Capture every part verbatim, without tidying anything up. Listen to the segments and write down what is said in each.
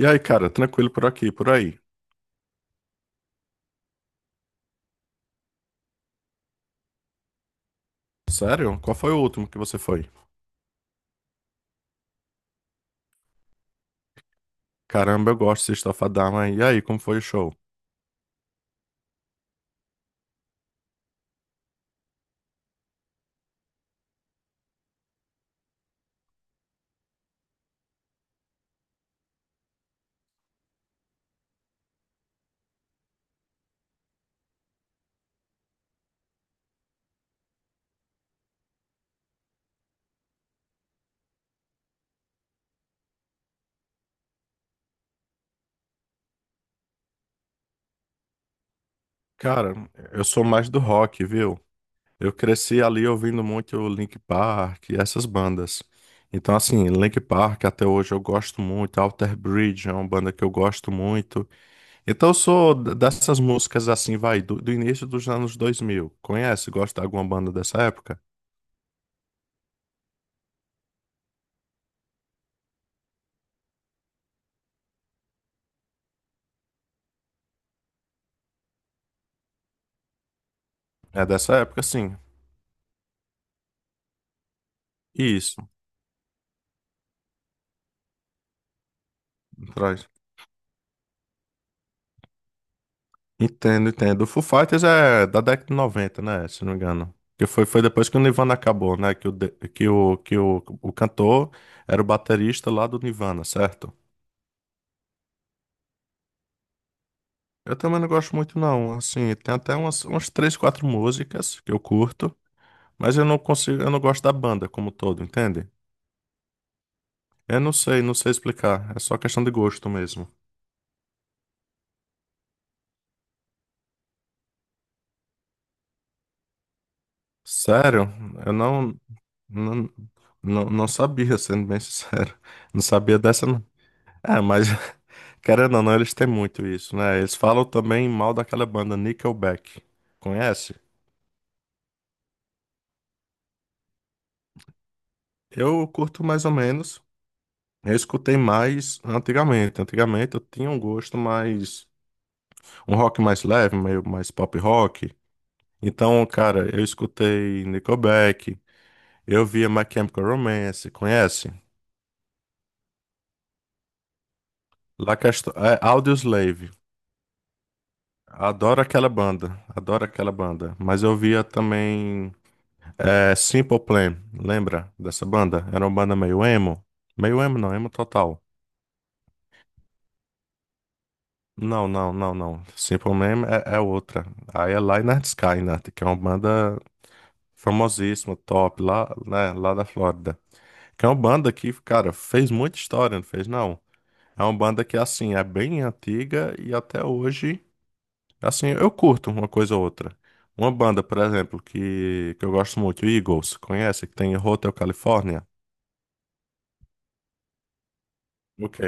E aí, cara, tranquilo por aqui, por aí. Sério? Qual foi o último que você foi? Caramba, eu gosto de System of a Down, hein? E aí, como foi o show? Cara, eu sou mais do rock, viu? Eu cresci ali ouvindo muito o Linkin Park e essas bandas. Então, assim, Linkin Park até hoje eu gosto muito. Alter Bridge é uma banda que eu gosto muito. Então, eu sou d- dessas músicas assim, vai, do, do início dos anos dois mil. Conhece? Gosta de alguma banda dessa época? É dessa época, sim. Isso, traz. Entendo, entendo. O Foo Fighters é da década de noventa, né? Se não me engano. Que foi, foi depois que o Nirvana acabou, né? Que o, de- que o, que o, o cantor era o baterista lá do Nirvana, certo? Eu também não gosto muito, não. Assim, tem até umas, umas três, quatro músicas que eu curto, mas eu não consigo, eu não gosto da banda como todo, entende? Eu não sei, não sei explicar. É só questão de gosto mesmo. Sério? Eu não, não, não, não sabia, sendo bem sincero. Não sabia dessa, não. É, mas. Querendo ou não, eles têm muito isso, né? Eles falam também mal daquela banda Nickelback. Conhece? Eu curto mais ou menos. Eu escutei mais antigamente. Antigamente eu tinha um gosto mais. Um rock mais leve, meio mais pop rock. Então, cara, eu escutei Nickelback. Eu via My Chemical Romance. Conhece? La Casto... é, Audioslave. Adoro aquela banda. Adoro aquela banda. Mas eu via também. É, Simple Plan, lembra dessa banda? Era uma banda meio emo. Meio emo não, emo total. Não, não, não, não. Simple Plan é, é outra. Aí é Lynyrd Skynyrd, que é uma banda famosíssima, top, lá, né, lá da Flórida. Que é uma banda que, cara, fez muita história, não fez não? É uma banda que, assim, é bem antiga e até hoje, assim, eu curto uma coisa ou outra. Uma banda, por exemplo, que, que eu gosto muito, Eagles, conhece? Que tem em Hotel California. Ok.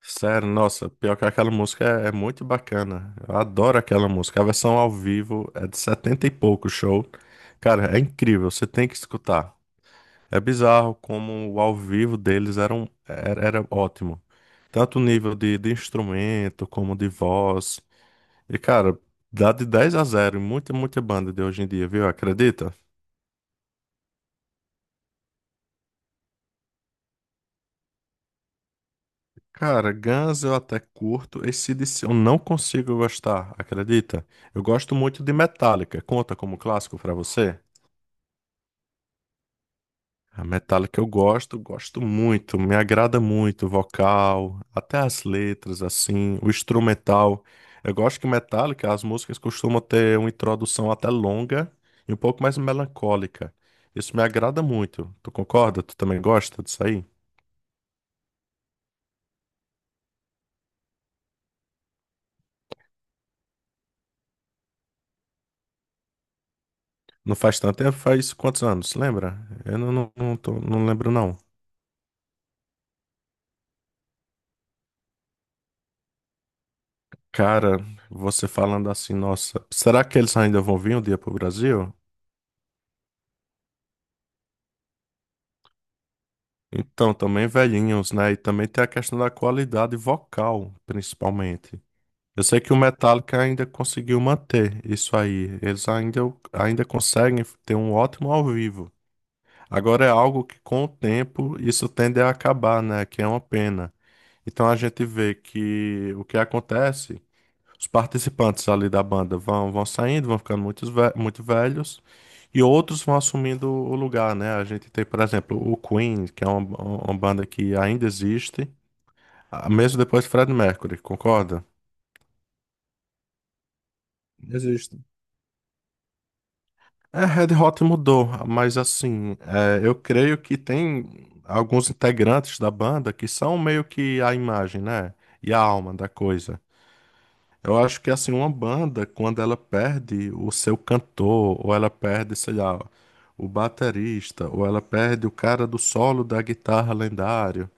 Sério, nossa, pior que aquela música é, é muito bacana. Eu adoro aquela música. A versão ao vivo é de setenta e pouco show. Cara, é incrível, você tem que escutar. É bizarro como o ao vivo deles era, um, era, era ótimo. Tanto o nível de, de instrumento como de voz. E, cara, dá de dez a zero, em muita, muita banda de hoje em dia, viu? Acredita? Cara, Guns eu até curto. a c d c eu não consigo gostar, acredita? Eu gosto muito de Metallica. Conta como clássico pra você? A Metallica eu gosto, gosto muito, me agrada muito o vocal, até as letras, assim, o instrumental. Eu gosto que Metallica, as músicas costumam ter uma introdução até longa e um pouco mais melancólica. Isso me agrada muito. Tu concorda? Tu também gosta disso aí? Não faz tanto tempo, faz quantos anos? Lembra? Eu não, não, não tô- não lembro, não. Cara, você falando assim, nossa, será que eles ainda vão vir um dia pro Brasil? Então, também velhinhos, né? E também tem a questão da qualidade vocal, principalmente. Eu sei que o Metallica ainda conseguiu manter isso aí. Eles ainda, ainda conseguem ter um ótimo ao vivo. Agora é algo que, com o tempo, isso tende a acabar, né? Que é uma pena. Então a gente vê que o que acontece. Os participantes ali da banda vão, vão saindo, vão ficando muitos ve- muito velhos e outros vão assumindo o lugar, né? A gente tem, por exemplo, o Queen, que é uma, uma banda que ainda existe, ah, mesmo depois de Fred Mercury, concorda? Existe. É, Red Hot mudou, mas assim, é, eu creio que tem alguns integrantes da banda que são meio que a imagem, né? E a alma da coisa. Eu acho que assim, uma banda, quando ela perde o seu cantor, ou ela perde, sei lá, o baterista, ou ela perde o cara do solo da guitarra lendário,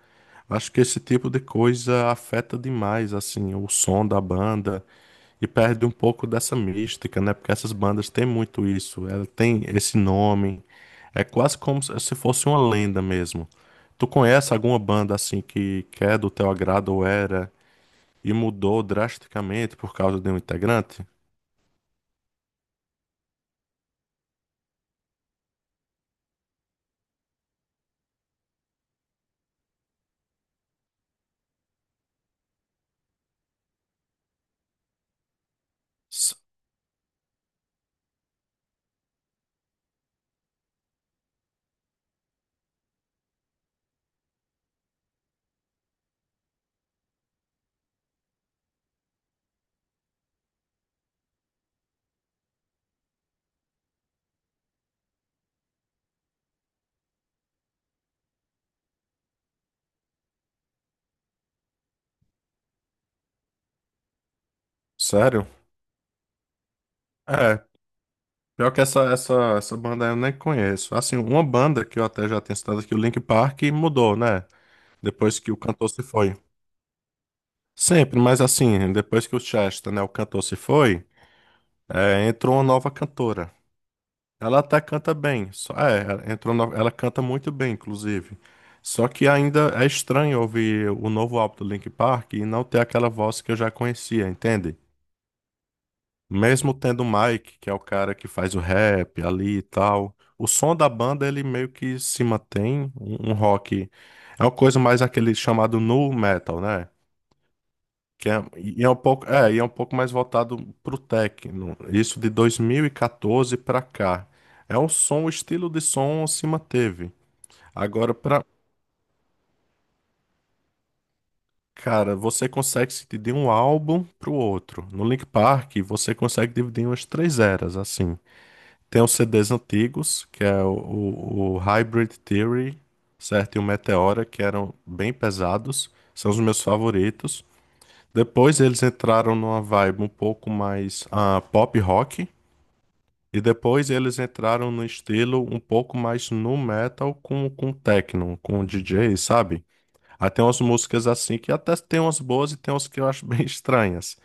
acho que esse tipo de coisa afeta demais, assim, o som da banda e perde um pouco dessa mística, né? Porque essas bandas têm muito isso, ela tem esse nome, é quase como se se fosse uma lenda mesmo. Tu conhece alguma banda assim que, que é do teu agrado ou era? E mudou drasticamente por causa de um integrante? S- Sério? É, pior que essa, essa, essa banda eu nem conheço. Assim, uma banda que eu até já tinha citado aqui, o Linkin Park, mudou, né? Depois que o cantor se foi. Sempre, mas assim, depois que o Chester, né, o cantor se foi, é, entrou uma nova cantora. Ela até canta bem, só, é, ela entrou no- ela canta muito bem, inclusive. Só que ainda é estranho ouvir o novo álbum do Linkin Park e não ter aquela voz que eu já conhecia, entende? Mesmo tendo o Mike, que é o cara que faz o rap ali e tal, o som da banda ele meio que se mantém um, um rock. É uma coisa mais aquele chamado nu metal, né? Que é, e é um pouco, é, e é um pouco mais voltado pro techno. Isso de dois mil e quatorze pra cá. É um som, o estilo de som se manteve. Agora pra, cara, você consegue se dividir um álbum pro outro. No Link Park, você consegue dividir em umas três eras assim. Tem os C Ds antigos, que é o, o, o Hybrid Theory, certo? E o Meteora, que eram bem pesados. São os meus favoritos. Depois eles entraram numa vibe um pouco mais ah, pop rock. E depois eles entraram no estilo um pouco mais nu metal com, com techno, com D J, sabe? Aí tem umas músicas assim que até tem umas boas e tem umas que eu acho bem estranhas.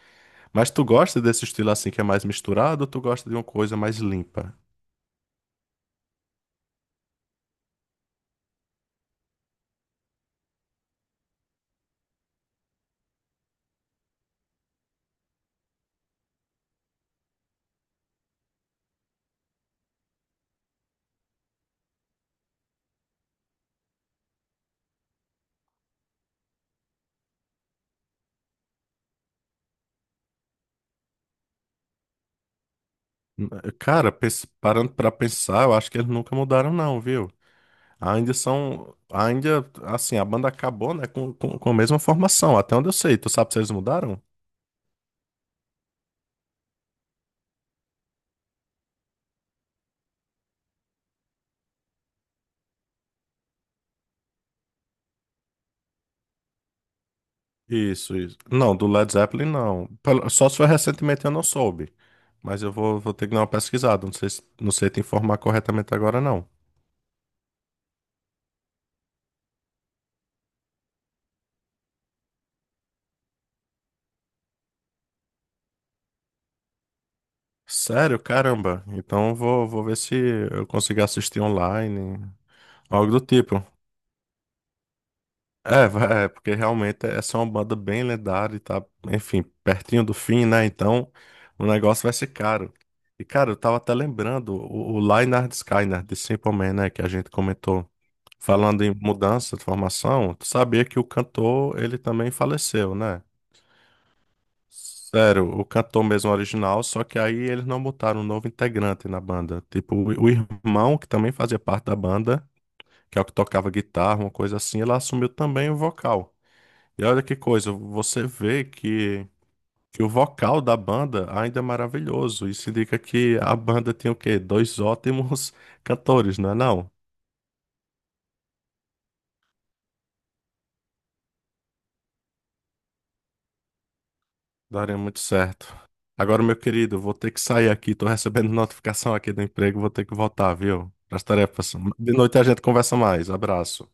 Mas tu gosta desse estilo assim que é mais misturado ou tu gosta de uma coisa mais limpa? Cara, pens- parando pra pensar, eu acho que eles nunca mudaram, não, viu? Ainda são. Ainda, assim, a banda acabou, né, com, com, com a mesma formação, até onde eu sei. Tu sabe se eles mudaram? Isso, isso. Não, do Led Zeppelin, não. Pelo- Só se foi recentemente eu não soube. Mas eu vou, vou ter que dar uma pesquisada. Não sei, se- não sei te informar corretamente agora, não. Sério? Caramba. Então eu vou, vou ver se eu consigo assistir online, algo do tipo. É, vai- é, porque realmente essa é uma banda bem lendária e tá, enfim, pertinho do fim, né? Então o negócio vai ser caro. E, cara, eu tava até lembrando o, o Lynyrd Skynyrd né, de Simple Man, né? Que a gente comentou. Falando em mudança de formação, tu sabia que o cantor, ele também faleceu, né? Sério, o cantor mesmo original, só que aí eles não botaram um novo integrante na banda. Tipo, o, o irmão, que também fazia parte da banda, que é o que tocava guitarra, uma coisa assim, ele assumiu também o vocal. E olha que coisa, você vê que, que o vocal da banda ainda é maravilhoso. Isso indica que a banda tem o quê? Dois ótimos cantores, não é não? Daria muito certo. Agora, meu querido, vou ter que sair aqui. Tô recebendo notificação aqui do emprego, vou ter que voltar, viu? As tarefas. De noite a gente conversa mais. Abraço.